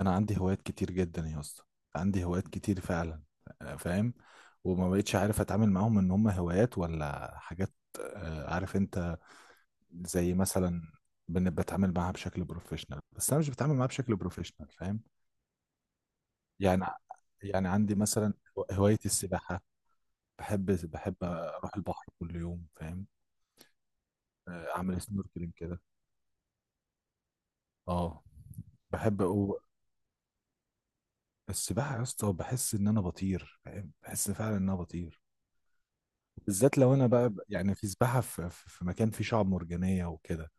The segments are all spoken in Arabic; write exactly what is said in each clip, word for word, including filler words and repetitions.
انا عندي هوايات كتير جدا يا اسطى. عندي هوايات كتير فعلا. فاهم. وما بقتش عارف اتعامل معاهم ان هم هوايات ولا حاجات. آه، عارف انت. زي مثلا بن- بتعامل معاها بشكل بروفيشنال، بس انا مش بتعامل معاها بشكل بروفيشنال. فاهم. يعني يعني عندي مثلا هواية السباحة. بحب. بحب اروح البحر كل يوم، فاهم. آه، اعمل سنوركلينج كده. اه. بحب أو... السباحة يا اسطى بحس ان انا بطير، فاهم، بحس فعلا ان انا بطير. بالذات لو انا بقى يعني في سباحه في, في في مكان فيه شعاب مرجانيه وكده.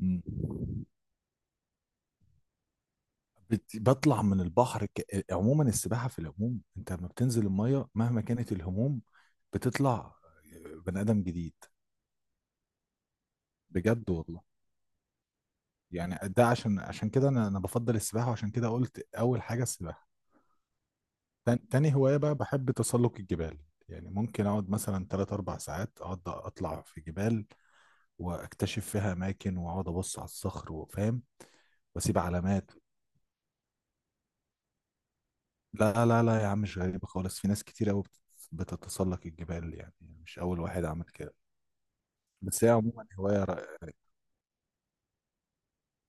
مم. بت- بطلع من البحر ك... عموما السباحه في العموم، انت لما بتنزل الميه مهما كانت الهموم بتطلع بني ادم جديد. بجد والله. يعني ده عشان عشان كده انا انا بفضل السباحه، وعشان كده قلت اول حاجه السباحه. تان- تاني هوايه بقى بحب تسلق الجبال. يعني ممكن اقعد مثلا ثلاثة اربع ساعات، اقعد اطلع في جبال واكتشف فيها اماكن واقعد ابص على الصخر وفاهم. واسيب علامات. لا لا لا يا عم، مش غريبة خالص، في ناس كتير قوي بتتسلق الجبال يعني. مش أول واحد عمل كده. بس هي عموما هواية رائعة.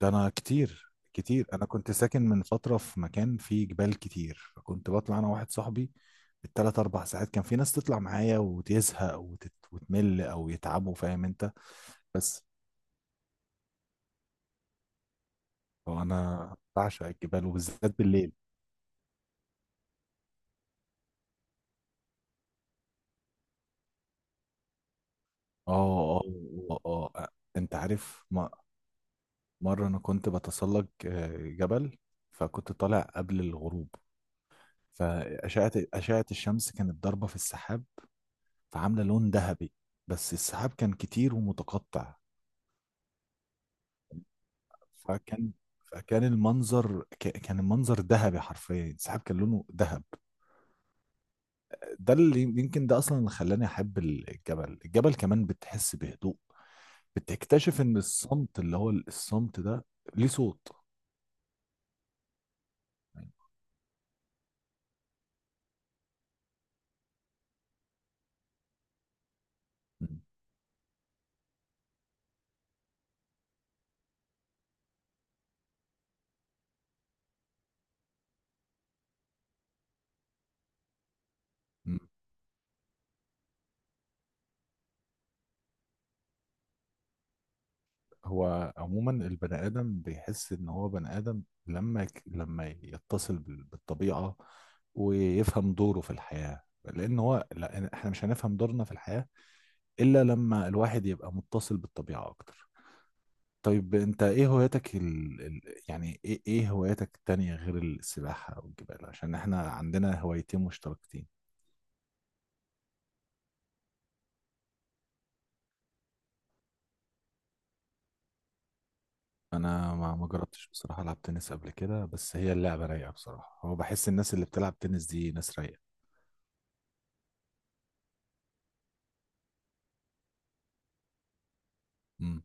ده أنا كتير كتير، أنا كنت ساكن من فترة في مكان فيه جبال كتير، فكنت بطلع أنا واحد صاحبي بالتلات أربع ساعات. كان في ناس تطلع معايا وتزهق وتت... وتمل أو يتعبوا، فاهم أنت. بس. وأنا بعشق الجبال وبالذات بالليل. آه آه. آه آه. أنت عارف م- مرة أنا كنت بتسلق آه، جبل. فكنت طالع قبل الغروب. فأشعة أشعة الشمس كانت ضاربة في السحاب، فعاملة لون ذهبي. بس السحاب كان كتير ومتقطع. فكان فكان المنظر، ك- كان المنظر ذهبي حرفيا، السحاب كان لونه ذهب. ده اللي يمكن ده أصلا اللي خلاني أحب الجبل. الجبل كمان بتحس بهدوء، بتكتشف إن الصمت، اللي هو الصمت ده، ليه صوت. هو عموما البني آدم بيحس إن هو بني آدم لما يك- لما يتصل بال- بالطبيعة ويفهم دوره في الحياة. لأن هو لا، إحنا مش هنفهم دورنا في الحياة إلا لما الواحد يبقى متصل بالطبيعة أكتر. طيب أنت إيه هواياتك ال... ال... يعني إيه إيه هواياتك التانية غير السباحة والجبال؟ عشان إحنا عندنا هوايتين مشتركتين. أنا ما ما جربتش بصراحة ألعب تنس قبل كده، بس هي اللعبة رايقة بصراحة. هو بحس الناس اللي بتلعب تنس دي ناس رايقة. امم.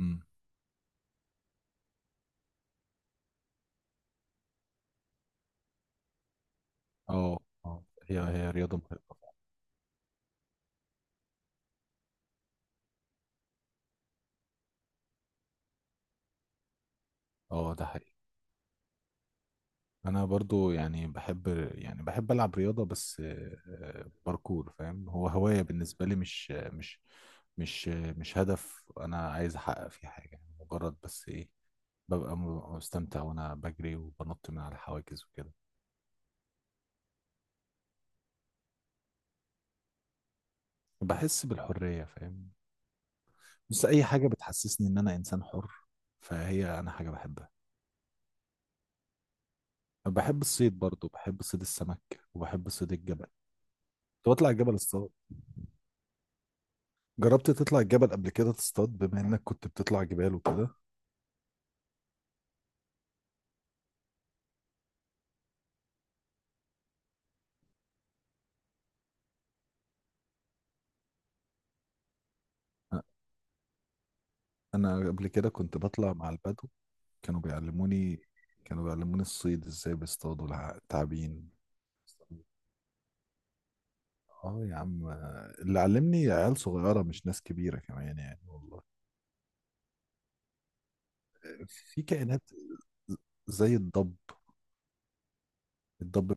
إمم. اه اه، هي هي رياضة مرهقة. اه، ده حقيقي. انا برضو يعني بحب يعني بحب العب رياضة بس آه، باركور. فاهم، هو هواية بالنسبة لي، مش مش مش مش هدف انا عايز احقق فيه حاجة، يعني مجرد بس ايه، ببقى م- مستمتع وانا بجري وبنط من على الحواجز وكده. بحس بالحرية، فاهم. بس اي حاجة بتحسسني ان انا انسان حر فهي انا حاجة بحبها. بحب الصيد برضو، بحب صيد السمك وبحب صيد الجبل. كنت بطلع الجبل الصغير. جربت تطلع الجبل قبل كده تصطاد بما انك كنت بتطلع جبال وكده؟ أ- انا قبل كده كنت بطلع مع البدو. كانوا بيعلموني كانوا بيعلموني الصيد ازاي، بيصطادوا الع- التعابين. اه يا عم، اللي علمني عيال صغيرة مش ناس كبيرة كمان يعني والله. في كائنات زي الضب. الضب.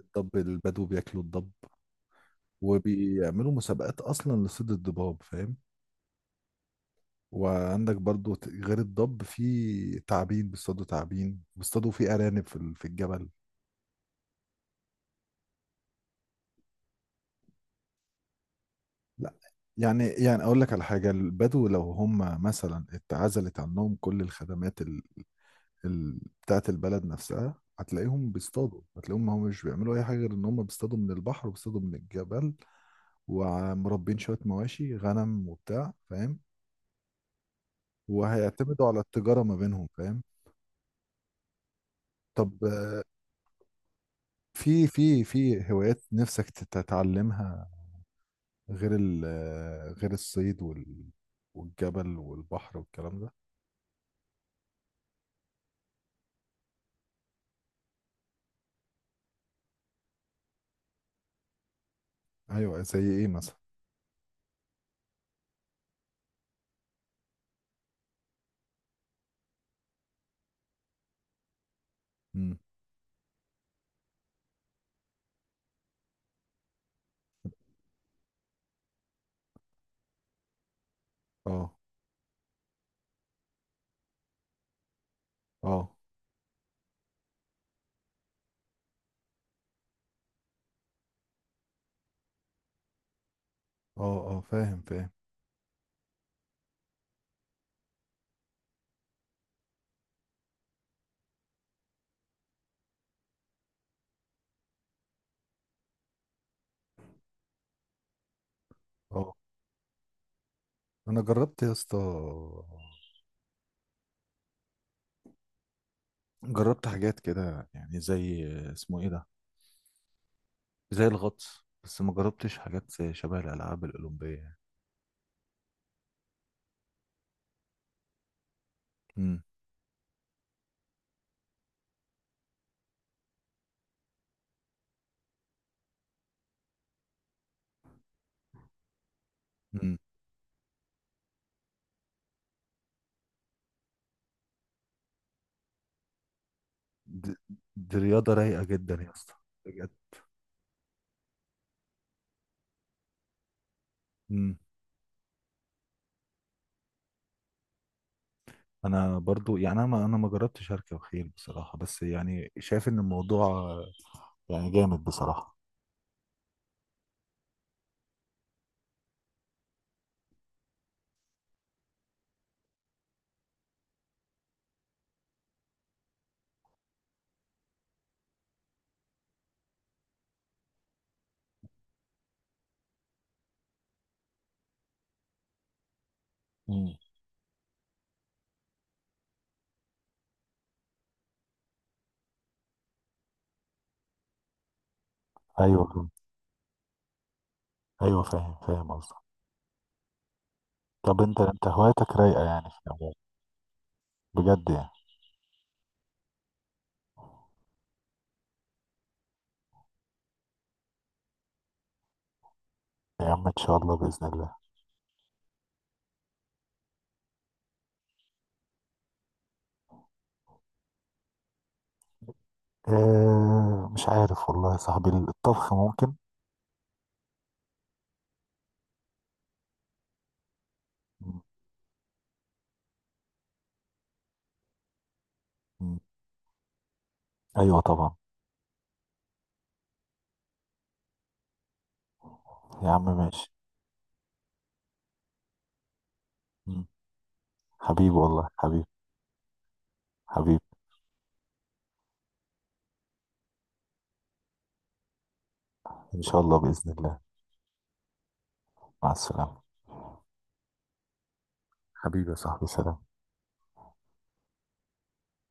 الضب البدو بياكلوا الضب وبيعملوا مسابقات اصلا لصيد الضباب، فاهم. وعندك برضو ت- غير الضب في تعابين، بيصطادوا تعابين، بيصطادوا في أرانب في ال- في الجبل. لا. يعني يعني أقول لك على حاجة، البدو لو هم مثلا اتعزلت عنهم كل الخدمات ال... ال... بتاعت البلد نفسها، هتلاقيهم بيصطادوا، هتلاقيهم هم مش بيعملوا أي حاجة غير إن هم بيصطادوا من البحر وبيصطادوا من الجبل. ومربين شوية مواشي غنم وبتاع، فاهم. وهيعتمدوا على التجارة ما بينهم، فاهم. طب في في في هوايات نفسك تتعلمها، غير ال غير الصيد وال والجبل والبحر والكلام ده؟ ايوه، زي ايه مثلا؟ امم. اه اه. اه اه، فاهم فاهم. اه، انا جربت يا اسطى. جربت حاجات كده يعني زي، اسمه ايه ده، زي الغطس. بس ما جربتش حاجات زي شبه الالعاب الاولمبيه يعني. امم. امم. دي, دي رياضه رايقه جدا يا اسطى، بجد. امم. انا برضو يعني، انا ما انا ما جربتش اركب خيل بصراحه، بس يعني شايف ان الموضوع يعني جامد بصراحه. مم. ايوه فاهم. ايوه فاهم، فاهم قصدك. طب انت انت هوايتك رايقه يعني في العموم، بجد يعني. يا عم ان شاء الله باذن الله. اه، مش عارف والله يا صاحبي، الطبخ ممكن. مم. مم. ايوه طبعا. يا عم ماشي. مم. حبيبي والله، حبيبي، حبيبي. ان شاء الله باذن الله. مع السلامه. حبيبي يا صاحبي، سلام.